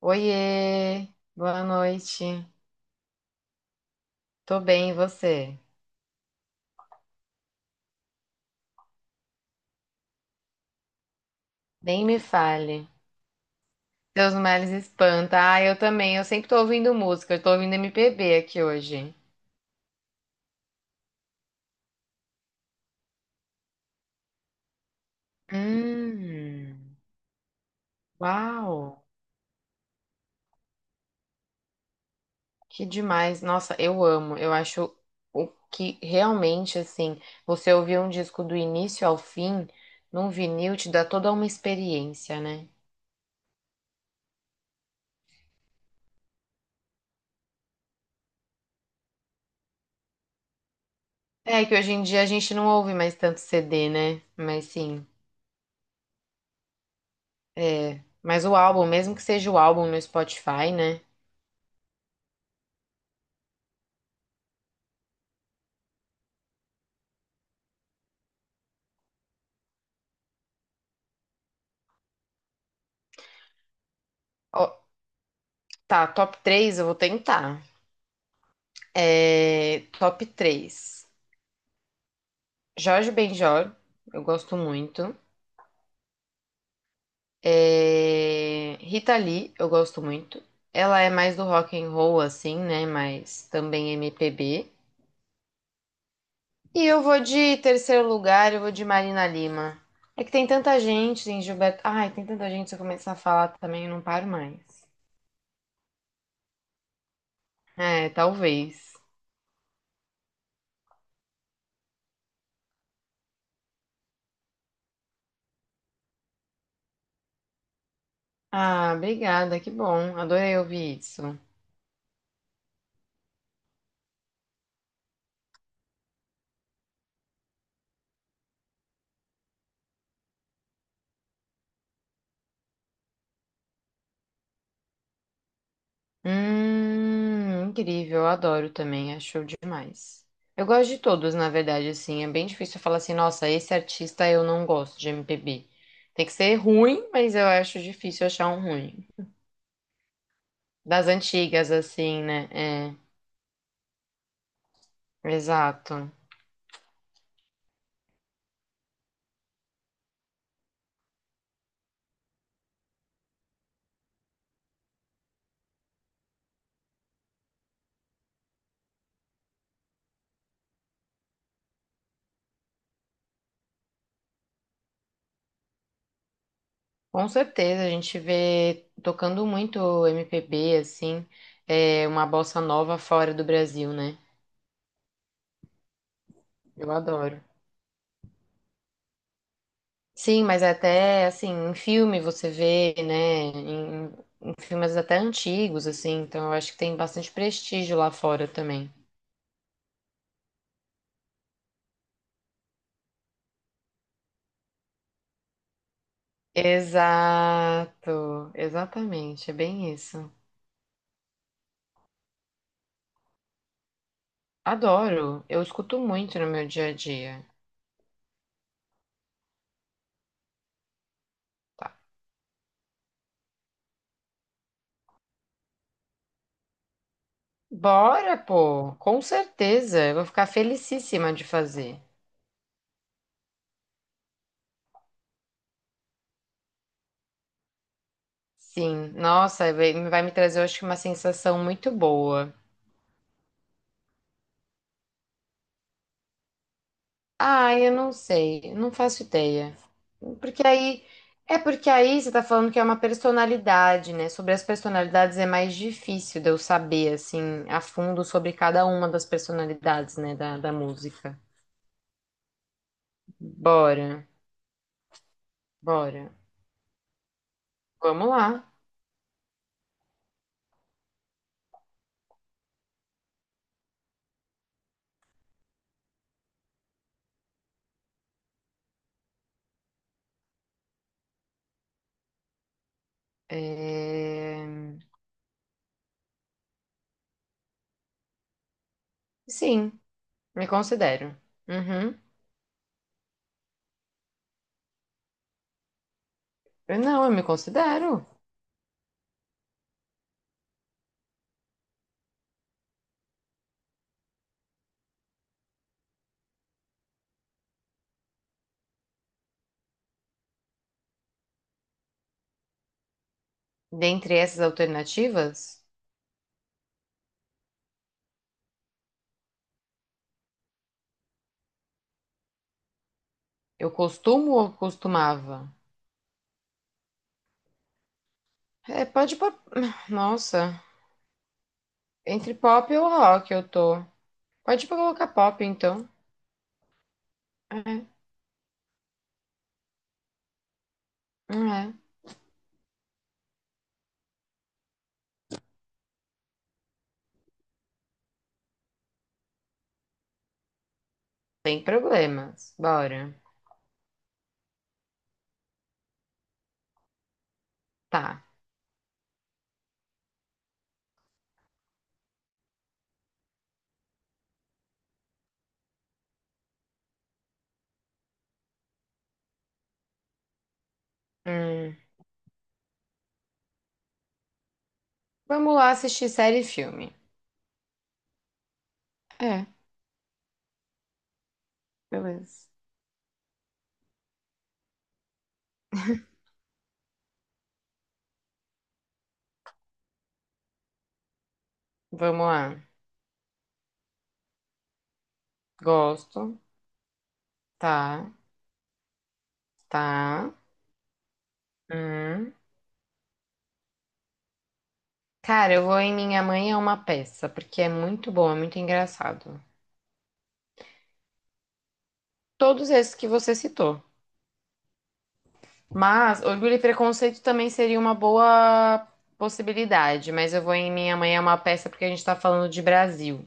Oiê, boa noite. Tô bem, e você? Nem me fale. Seus males espanta. Ah, eu também. Eu sempre tô ouvindo música. Eu tô ouvindo MPB aqui hoje. Hum, uau, que demais. Nossa, eu amo. Eu acho o que realmente, assim, você ouvir um disco do início ao fim, num vinil, te dá toda uma experiência, né? É que hoje em dia a gente não ouve mais tanto CD, né? Mas sim. É, mas o álbum, mesmo que seja o álbum no Spotify, né? Ó, tá, top 3, eu vou tentar. É, top 3. Jorge Benjor, eu gosto muito. É, Rita Lee, eu gosto muito. Ela é mais do rock and roll, assim, né? Mas também MPB. E eu vou de 3º lugar, eu vou de Marina Lima. É que tem tanta gente, tem Gilberto. Ai, tem tanta gente, se eu começar a falar também, eu não paro mais. É, talvez. Ah, obrigada, que bom. Adorei ouvir isso. Incrível, eu adoro também, é show demais. Eu gosto de todos, na verdade, assim, é bem difícil eu falar assim, nossa, esse artista eu não gosto de MPB. Tem que ser ruim, mas eu acho difícil achar um ruim. Das antigas, assim, né? É, exato. Com certeza, a gente vê tocando muito MPB, assim, é uma bossa nova fora do Brasil, né? Eu adoro. Sim, mas até assim, em filme você vê, né? Em, em filmes até antigos, assim, então eu acho que tem bastante prestígio lá fora também. Exato, exatamente, é bem isso. Adoro, eu escuto muito no meu dia a dia. Tá. Bora, pô, com certeza, eu vou ficar felicíssima de fazer. Sim, nossa, vai me trazer, eu acho que uma sensação muito boa. Ah, eu não sei, não faço ideia. Porque aí, é porque aí você tá falando que é uma personalidade, né? Sobre as personalidades é mais difícil de eu saber, assim, a fundo sobre cada uma das personalidades, né, da música. Bora, bora. Vamos lá. É, Sim, me considero. Uhum. Eu não, eu me considero. Dentre essas alternativas, eu costumo ou costumava? É, pode pôr. Nossa. Entre pop e o rock eu tô. Pode colocar pop, então. É, não é. Sem problemas. Bora. Tá. Hum, Vamos lá assistir série e filme. É, beleza. Vamos lá. Gosto. Tá. Tá. Hum. Cara, eu vou em Minha Mãe é uma peça, porque é muito bom, é muito engraçado. Todos esses que você citou. Mas Orgulho e Preconceito também seria uma boa possibilidade, mas eu vou em Minha Mãe é uma peça porque a gente tá falando de Brasil.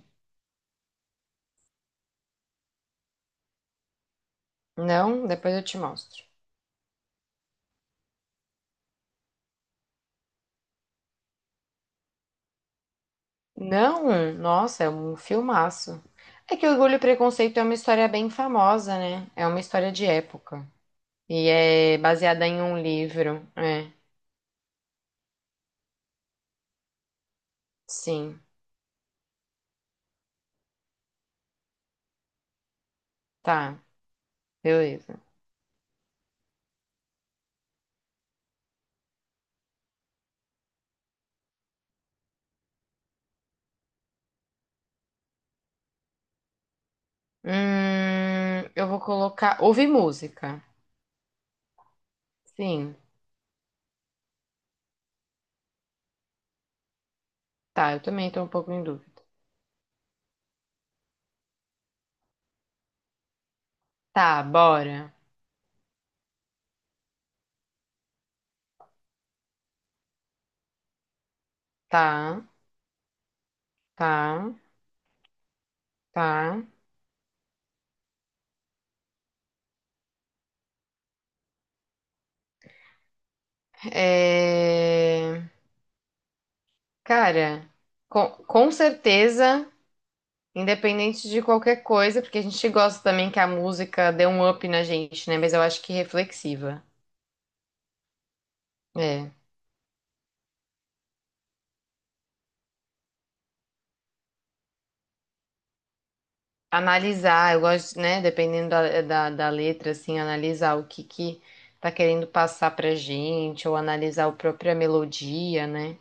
Não, depois eu te mostro. Não, nossa, é um filmaço. É que Orgulho e Preconceito é uma história bem famosa, né? É uma história de época. E é baseada em um livro. É, sim. Tá, beleza. Eu vou colocar. Ouve música. Sim, tá, eu também tô um pouco em dúvida. Tá, bora. Tá, tá, tá. É... Cara, com certeza. Independente de qualquer coisa, porque a gente gosta também que a música dê um up na gente, né? Mas eu acho que reflexiva. É. Analisar, eu gosto, né? Dependendo da letra, assim, analisar o que que tá querendo passar pra gente, ou analisar a própria melodia, né?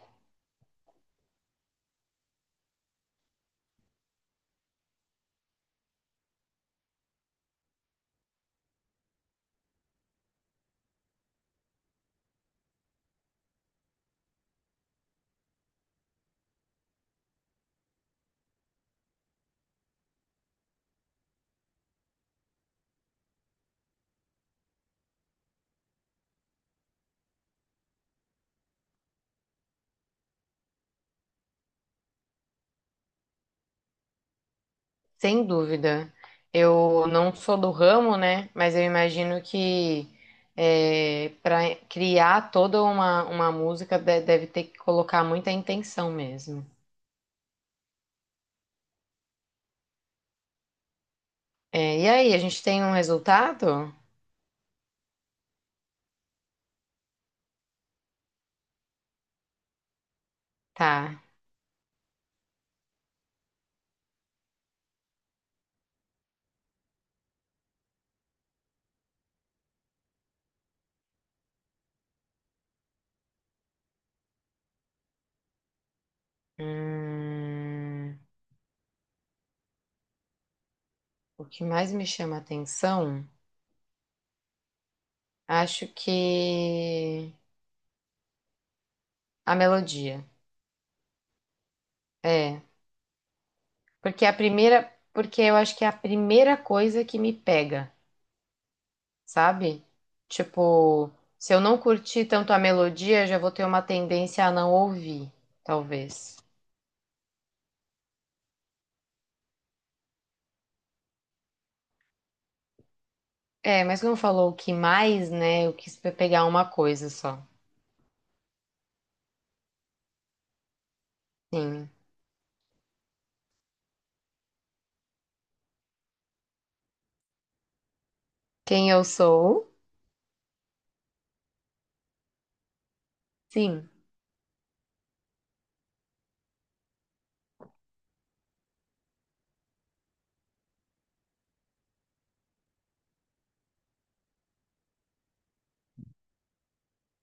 Sem dúvida. Eu não sou do ramo, né? Mas eu imagino que é, para criar toda uma música de- deve ter que colocar muita intenção mesmo. É, e aí, a gente tem um resultado? Tá. Hum, o que mais me chama atenção, acho que a melodia. É, porque a primeira, porque eu acho que é a primeira coisa que me pega, sabe? Tipo, se eu não curtir tanto a melodia, eu já vou ter uma tendência a não ouvir, talvez. É, mas como falou o que mais, né? Eu quis pegar é uma coisa só. Sim. Quem eu sou? Sim.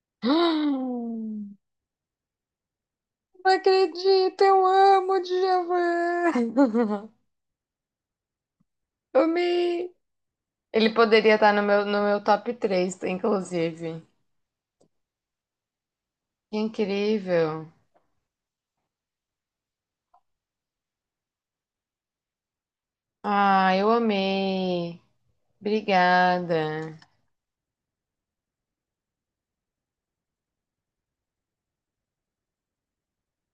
Não acredito, eu amo o Djavan. Amei. Ele poderia estar no meu top 3, inclusive. Que incrível. Ah, eu amei. Obrigada.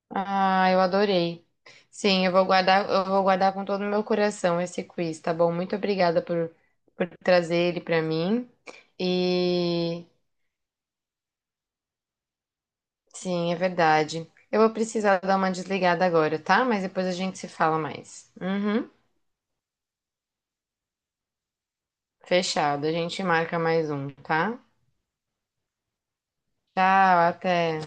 Ah, eu adorei. Sim, eu vou guardar com todo o meu coração esse quiz, tá bom? Muito obrigada por trazer ele para mim. E sim, é verdade. Eu vou precisar dar uma desligada agora, tá? Mas depois a gente se fala mais. Uhum. Fechado. A gente marca mais um, tá? Tchau, até.